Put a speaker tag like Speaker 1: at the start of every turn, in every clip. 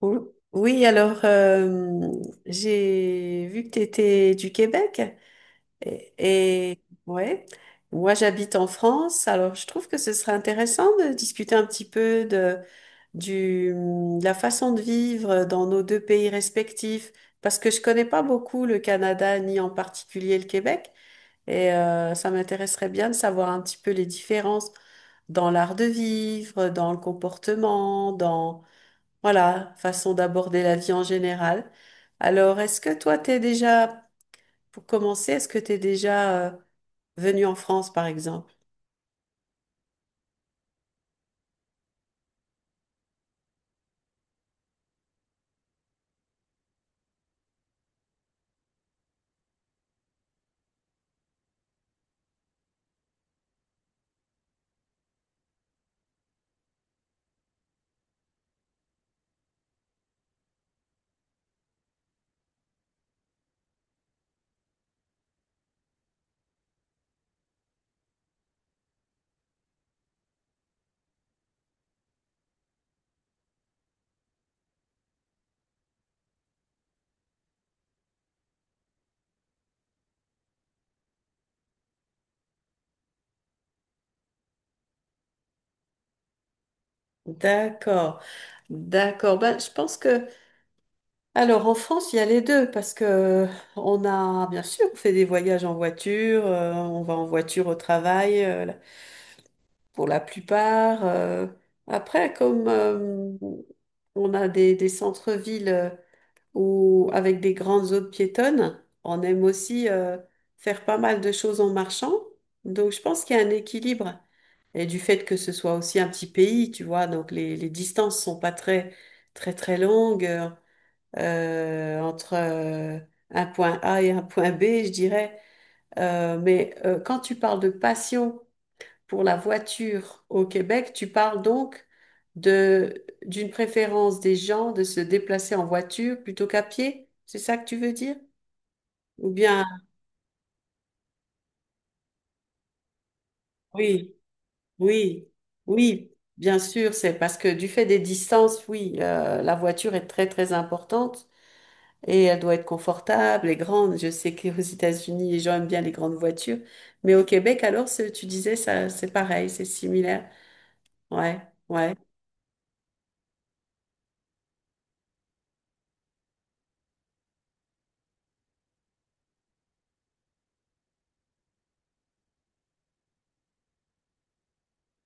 Speaker 1: Oui, alors j'ai vu que tu étais du Québec et, ouais, moi j'habite en France, alors je trouve que ce serait intéressant de discuter un petit peu du, de la façon de vivre dans nos deux pays respectifs parce que je connais pas beaucoup le Canada ni en particulier le Québec et ça m'intéresserait bien de savoir un petit peu les différences dans l'art de vivre, dans le comportement, dans voilà, façon d'aborder la vie en général. Alors, est-ce que toi, t'es déjà, pour commencer, est-ce que t'es déjà venu en France, par exemple? D'accord, d'accord. Ben, alors, en France, il y a les deux parce que on a, bien sûr, on fait des voyages en voiture, on va en voiture au travail, pour la plupart. Après, comme on a des centres-villes où, avec des grandes zones piétonnes, on aime aussi faire pas mal de choses en marchant. Donc, je pense qu'il y a un équilibre. Et du fait que ce soit aussi un petit pays, tu vois, donc les distances sont pas très, très, très longues entre un point A et un point B, je dirais. Mais quand tu parles de passion, pour la voiture au Québec, tu parles donc de d'une préférence des gens de se déplacer en voiture plutôt qu'à pied? C'est ça que tu veux dire? Ou bien, oui, oui, oui, bien sûr, c'est parce que du fait des distances, oui, la voiture est très, très importante et elle doit être confortable et grande. Je sais qu'aux États-Unis, les gens aiment bien les grandes voitures, mais au Québec, alors, tu disais, ça, c'est pareil, c'est similaire. Ouais, ouais,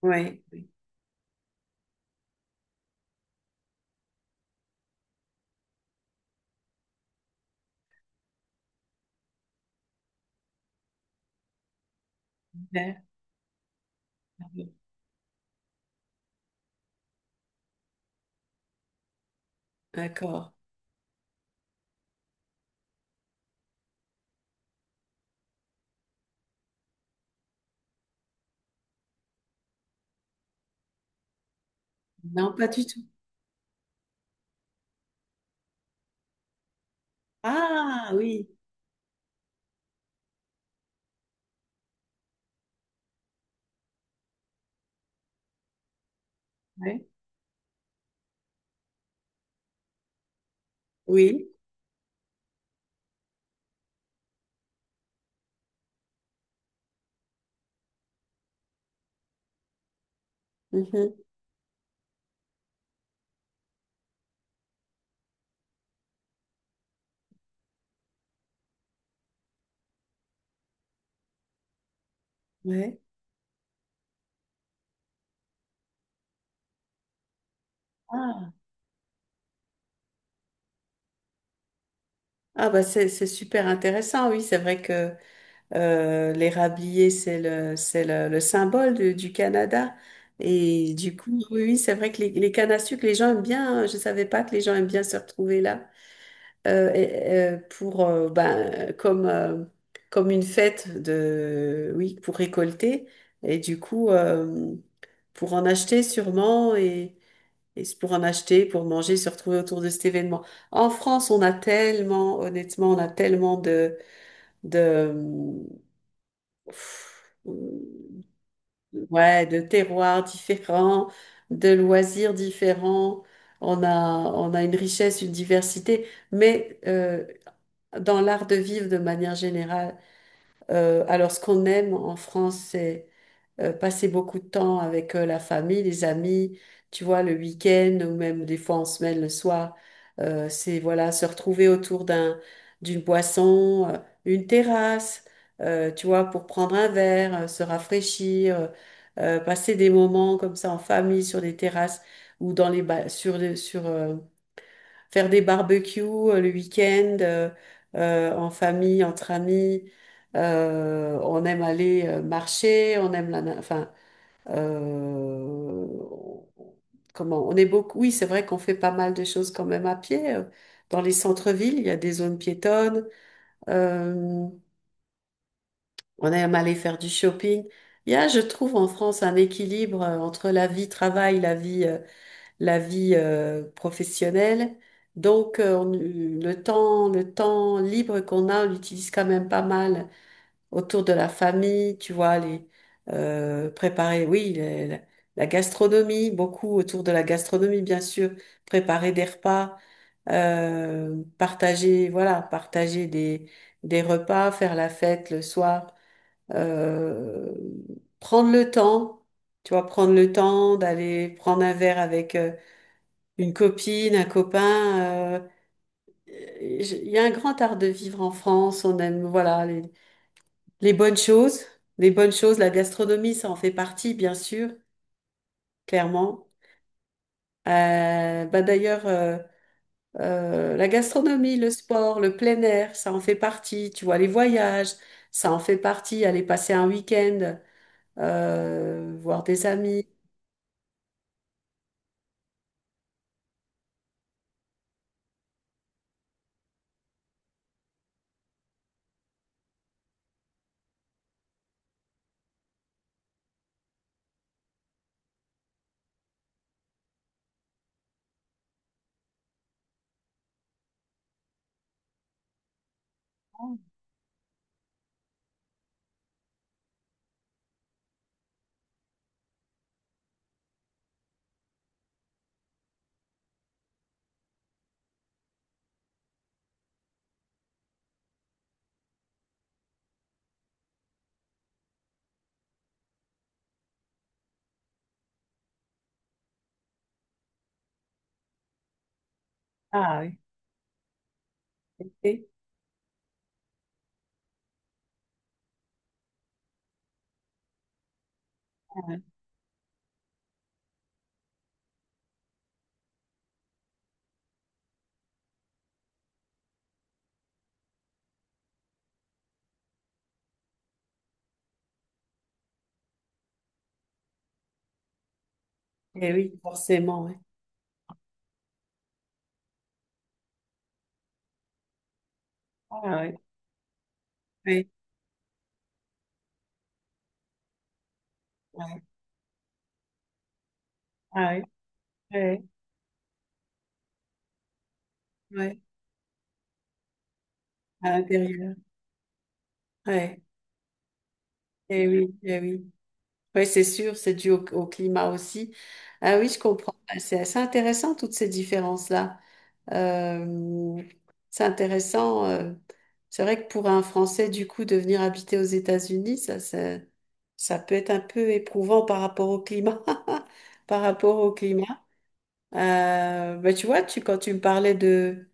Speaker 1: ouais. D'accord. Non, pas du tout. Ah oui, ouais. Oui. Mhm, ouais. Ah. Ah, bah c'est super intéressant, oui. C'est vrai que les râbliers, c'est le symbole du Canada. Et du coup, oui, oui, c'est vrai que les cannes à sucre, les gens aiment bien, hein. Je savais pas que les gens aiment bien se retrouver là euh, et- euh, pour, euh, ben, comme, euh, comme une fête de, oui, pour récolter. Et du coup, pour en acheter sûrement. Et c'est pour en acheter, pour manger, se retrouver autour de cet événement. En France, on a tellement, honnêtement, on a tellement de, pff, ouais, de terroirs différents, de loisirs différents. On a, on a une richesse, une diversité, mais dans l'art de vivre de manière générale, alors ce qu'on aime en France, passer beaucoup de temps avec la famille, les amis, tu vois, le week-end ou même des fois en semaine le soir. C'est voilà, se retrouver autour d'une boisson, une terrasse, tu vois, pour prendre un verre, se rafraîchir, passer des moments comme ça en famille sur des terrasses ou dans les ba- sur le- sur faire des barbecues le week-end en famille, entre amis. On aime aller marcher, on aime enfin, euh, on est beaucoup, oui, c'est vrai qu'on fait pas mal de choses quand même à pied. Dans les centres-villes, il y a des zones piétonnes. Euh, on aime aller faire du shopping. Il y a, je trouve, en France, un équilibre entre la vie travail, la vie professionnelle. Donc, le temps libre qu'on a, on l'utilise quand même pas mal autour de la famille, tu vois, les préparer, oui, la gastronomie, beaucoup autour de la gastronomie, bien sûr, préparer des repas, partager, voilà, partager des repas, faire la fête le soir, euh, prendre le temps, tu vois, prendre le temps d'aller prendre un verre avec une copine, un copain. Il y a un grand art de vivre en France, on aime, voilà, les bonnes choses, les bonnes choses, la gastronomie, ça en fait partie, bien sûr, clairement. Bah d'ailleurs, la gastronomie, le sport, le plein air, ça en fait partie. Tu vois, les voyages, ça en fait partie. Aller passer un week-end, voir des amis. Ah oui. Et, ah oui. Eh oui, forcément, ouais. Ah oui. Oui, ouais, ah oui, ouais, ouais, à l'intérieur. Ouais, et oui, eh oui. Oui, c'est sûr, c'est dû au, au climat aussi. Ah oui, je comprends. Bah, c'est assez intéressant, toutes ces différences-là. Euh, c'est intéressant. C'est vrai que pour un Français, du coup, de venir habiter aux États-Unis, ça peut être un peu éprouvant par rapport au climat. Par rapport au climat. Bah, tu vois, quand tu me parlais de…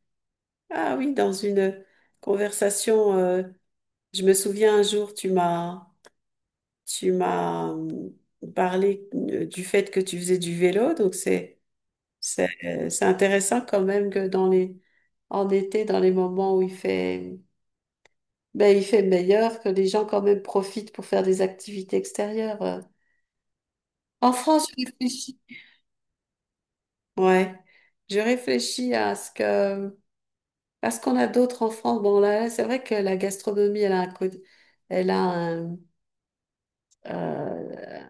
Speaker 1: Ah oui, dans une conversation, je me souviens un jour, tu m'as… Tu m'as hum, parlé du fait que tu faisais du vélo, donc c'est intéressant quand même que dans les en été, dans les moments où il fait ben, il fait meilleur, que les gens quand même profitent pour faire des activités extérieures. En France, je réfléchis. Ouais, je réfléchis à ce que à ce qu'on a d'autre en France. Bon là, là, c'est vrai que la gastronomie, elle a un côté, elle a un euh,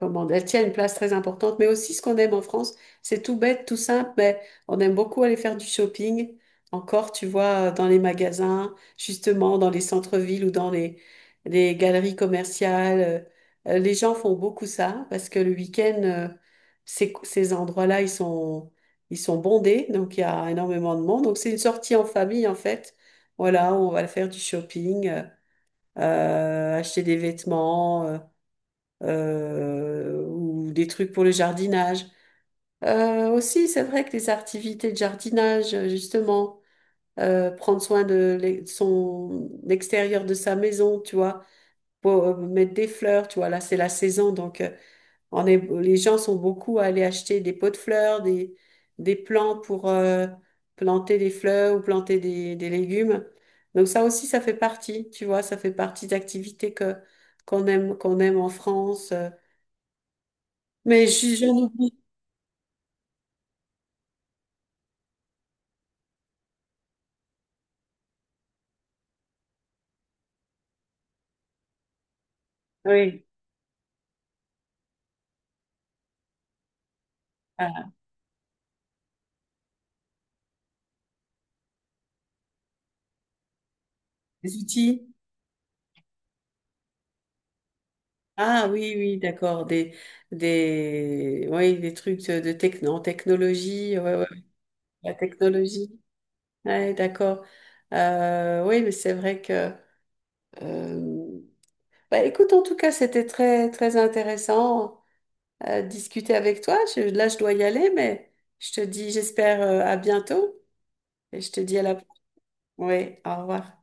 Speaker 1: comment, elle tient une place très importante. Mais aussi, ce qu'on aime en France, c'est tout bête, tout simple, mais on aime beaucoup aller faire du shopping. Encore, tu vois, dans les magasins, justement, dans les centres-villes ou dans les galeries commerciales. Les gens font beaucoup ça parce que le week-end, ces endroits-là, ils sont bondés, donc il y a énormément de monde. Donc, c'est une sortie en famille, en fait. Voilà, on va faire du shopping, acheter des vêtements, ou des trucs pour le jardinage. Aussi, c'est vrai que les activités de jardinage, justement, prendre soin de l'e- son l'extérieur de sa maison, tu vois, pour mettre des fleurs, tu vois, là c'est la saison, donc on est, les gens sont beaucoup à aller acheter des pots de fleurs, des plants pour planter des fleurs ou planter des légumes. Donc ça aussi, ça fait partie, tu vois, ça fait partie d'activités qu'on aime en France. Mais j'en oublie. Oui. Ah, des outils. Ah oui, oui, d'accord. Oui, des trucs de techno, en technologie. Ouais, ouais, ouais, la technologie. Ouais, d'accord. Oui, mais c'est vrai que. euh, Bah, écoute, en tout cas, c'était très, très intéressant de discuter avec toi. Là, je dois y aller, mais je te dis, j'espère à bientôt. Et je te dis à la. Oui, au revoir.